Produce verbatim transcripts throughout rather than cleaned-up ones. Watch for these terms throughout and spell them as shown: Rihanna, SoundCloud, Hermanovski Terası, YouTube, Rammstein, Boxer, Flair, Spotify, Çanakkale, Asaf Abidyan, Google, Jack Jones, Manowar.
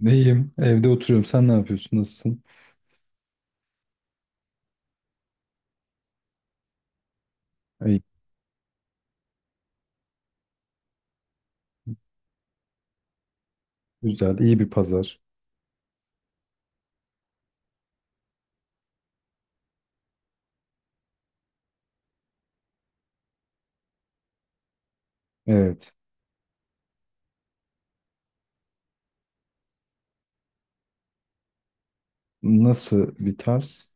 Neyim? Evde oturuyorum. Sen ne yapıyorsun? Nasılsın? İyi, güzel. İyi bir pazar. Evet. Nasıl bir tarz?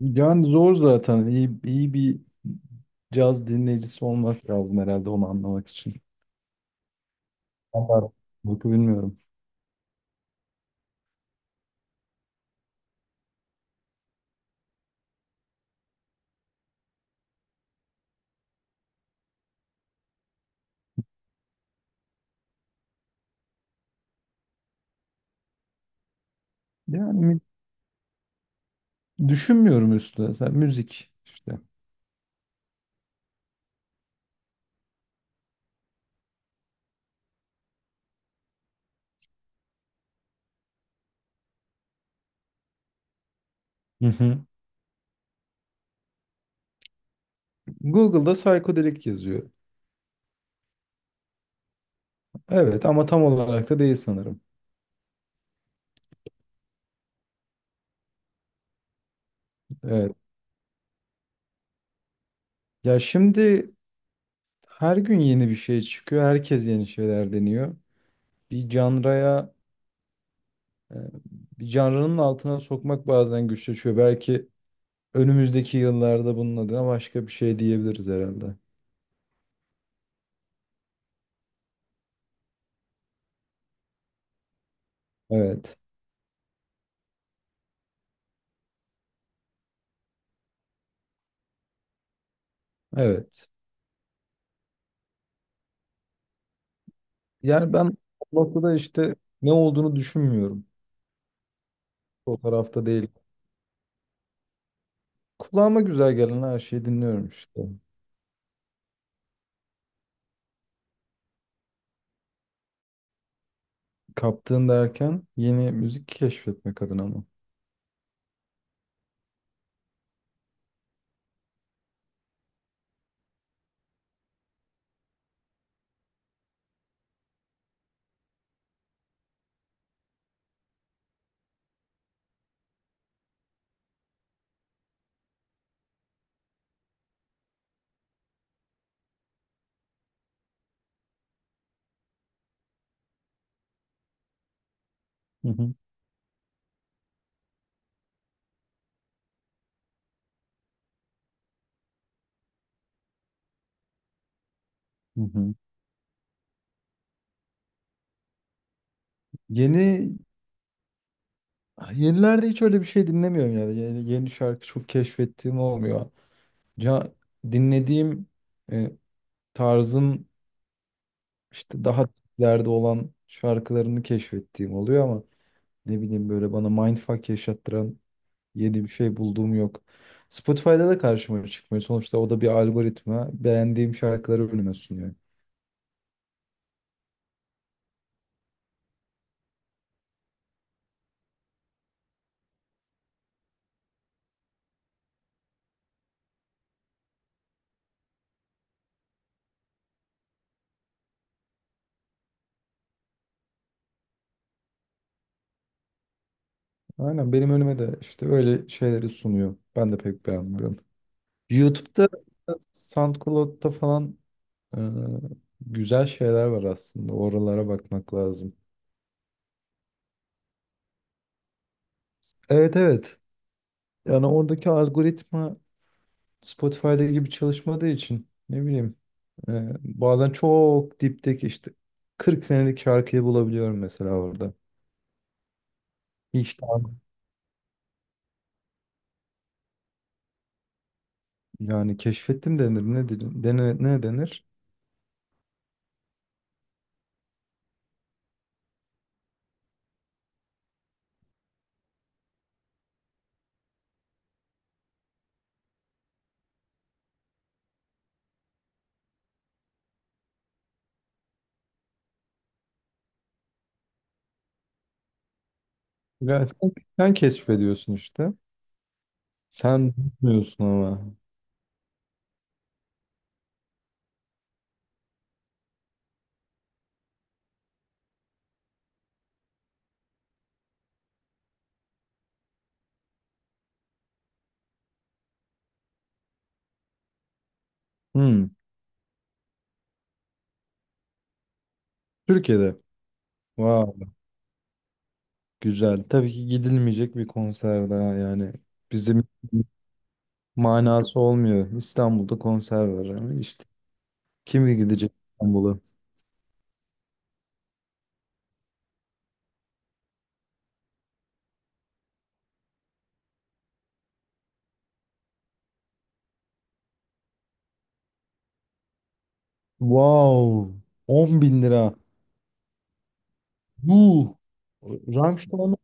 Yani zor zaten. İyi, iyi bir caz dinleyicisi olmak lazım herhalde onu anlamak için. Anlarım. Bakı bilmiyorum. Yani mi- Düşünmüyorum üstüne. Sen müzik işte. Hı hı. Google'da psychedelic yazıyor. Evet ama tam olarak da değil sanırım. Evet. Ya şimdi her gün yeni bir şey çıkıyor. Herkes yeni şeyler deniyor. Bir canraya E, Bir canrının altına sokmak bazen güçleşiyor. Belki önümüzdeki yıllarda bunun adına başka bir şey diyebiliriz herhalde. Evet, evet. Yani ben o noktada işte ne olduğunu düşünmüyorum. O tarafta değil. Kulağıma güzel gelen her şeyi dinliyorum işte. Kaptığın derken yeni müzik keşfetmek adına mı? Hı hı. Hı hı. Yeni Yenilerde hiç öyle bir şey dinlemiyorum yani. Yeni, yeni şarkı çok keşfettiğim olmuyor. Ca- dinlediğim e, tarzın İşte daha ileride olan şarkılarını keşfettiğim oluyor ama ne bileyim böyle bana mindfuck yaşattıran yeni bir şey bulduğum yok. Spotify'da da karşıma çıkmıyor. Sonuçta o da bir algoritma. Beğendiğim şarkıları önüme sunuyor. Aynen benim önüme de işte öyle şeyleri sunuyor. Ben de pek beğenmiyorum. YouTube'da, SoundCloud'da falan e, güzel şeyler var aslında. Oralara bakmak lazım. Evet, evet. Yani oradaki algoritma Spotify'da gibi çalışmadığı için ne bileyim, Ee, bazen çok dipteki işte kırk senelik şarkıyı bulabiliyorum mesela orada. Hiç daha yani keşfettim denir ne denir dene- ne denir? Ya sen, sen keşfediyorsun işte. Sen bilmiyorsun ama. Hmm, Türkiye'de. Wow, güzel. Tabii ki gidilmeyecek bir konser daha yani. Bizim manası olmuyor. İstanbul'da konser var ama işte kim gidecek İstanbul'a? Wow, on bin lira. Yuh. Rammstein'e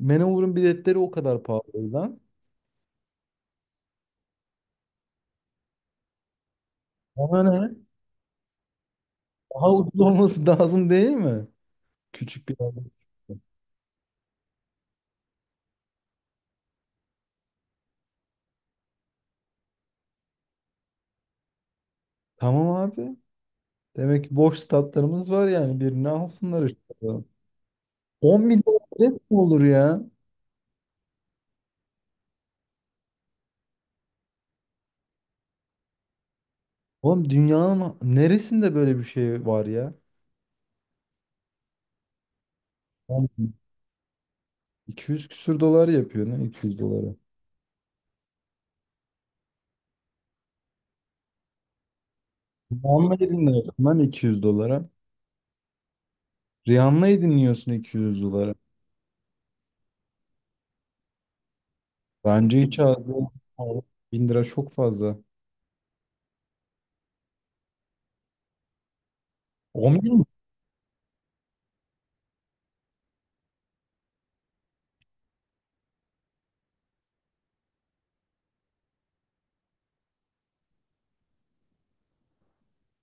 Manowar'ın biletleri o kadar pahalı o. Ama ne? Daha ucuz olması lazım değil mi? Küçük bir yerde. Tamam abi. Demek ki boş statlarımız var yani birini alsınlar işte. on milyon bilet mi olur ya? Oğlum dünyanın neresinde böyle bir şey var ya? Oğlum iki yüz küsür dolar yapıyor ne iki yüz dolara. Rihanna dinliyorsun lan iki yüz dolara. Rihanna'yı dinliyorsun iki yüz dolara. Bence hiç az değil. Bin lira çok fazla. on bin.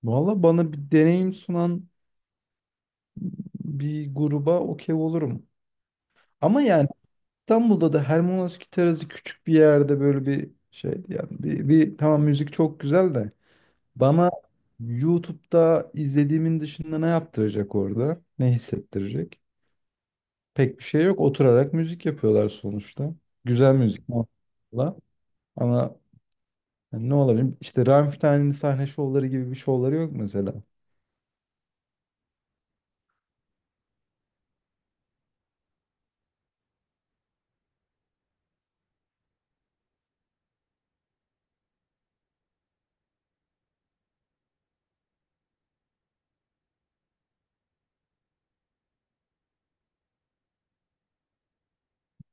Valla bana bir deneyim sunan bir gruba okey olurum. Ama yani İstanbul'da da Hermanovski Terası küçük bir yerde böyle bir şey yani bir, bir tamam müzik çok güzel de bana YouTube'da izlediğimin dışında ne yaptıracak orada? Ne hissettirecek? Pek bir şey yok. Oturarak müzik yapıyorlar sonuçta. Güzel müzik muhakkak. Ama yani ne olabilir? İşte Rammstein'in sahne şovları gibi bir şovları yok mesela.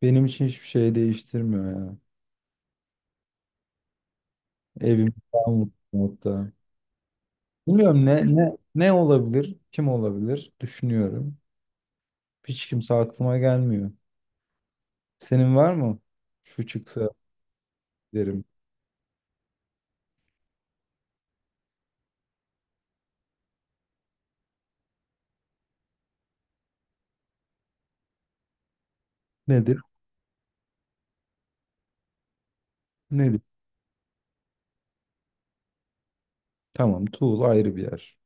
Benim için hiçbir şey değiştirmiyor ya. Evim daha mutlu hatta. Bilmiyorum ne, ne, ne olabilir, kim olabilir düşünüyorum. Hiç kimse aklıma gelmiyor. Senin var mı? Şu çıksa derim. Nedir? Nedir? Tamam Tuğul ayrı bir yer.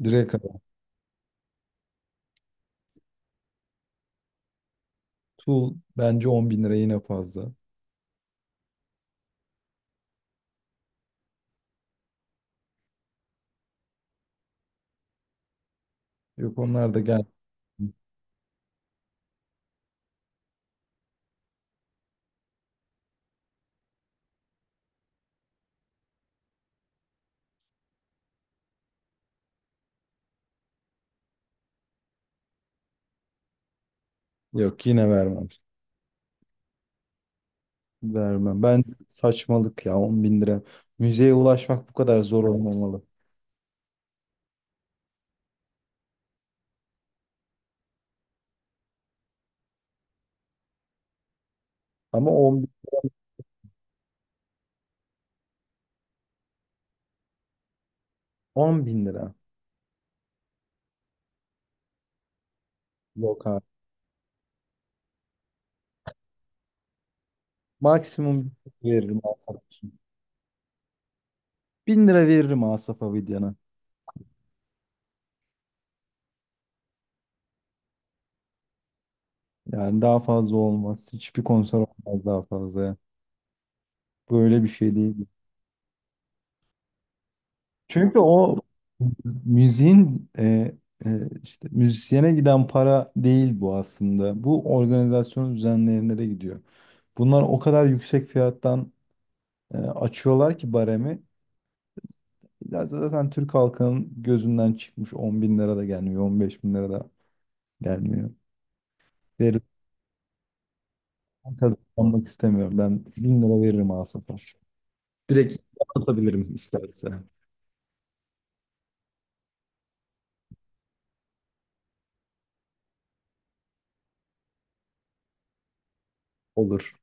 Direkt ara. Tuğul bence on bin lira yine fazla. Yok onlar da gel. Yok yine vermem. Vermem. Ben saçmalık ya on bin lira. Müzeye ulaşmak bu kadar zor olmamalı. Ama on, on bin lira. Yok abi. Maksimum veririm Asaf için. Bin lira veririm Asaf Abidyan'a. Yani daha fazla olmaz. Hiçbir konser olmaz daha fazla ya. Böyle bir şey değil. Çünkü o müziğin e, e, işte müzisyene giden para değil bu aslında. Bu organizasyon düzenleyenlere gidiyor. Bunlar o kadar yüksek fiyattan e, açıyorlar ki baremi. Ya zaten Türk halkının gözünden çıkmış on bin lira da gelmiyor, on beş bin lira da gelmiyor. Verip kazanmak istemiyorum. Ben bin lira veririm Asaf'a. Direkt atabilirim isterse. Olur.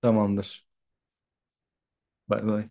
Tamamdır. Bay bay.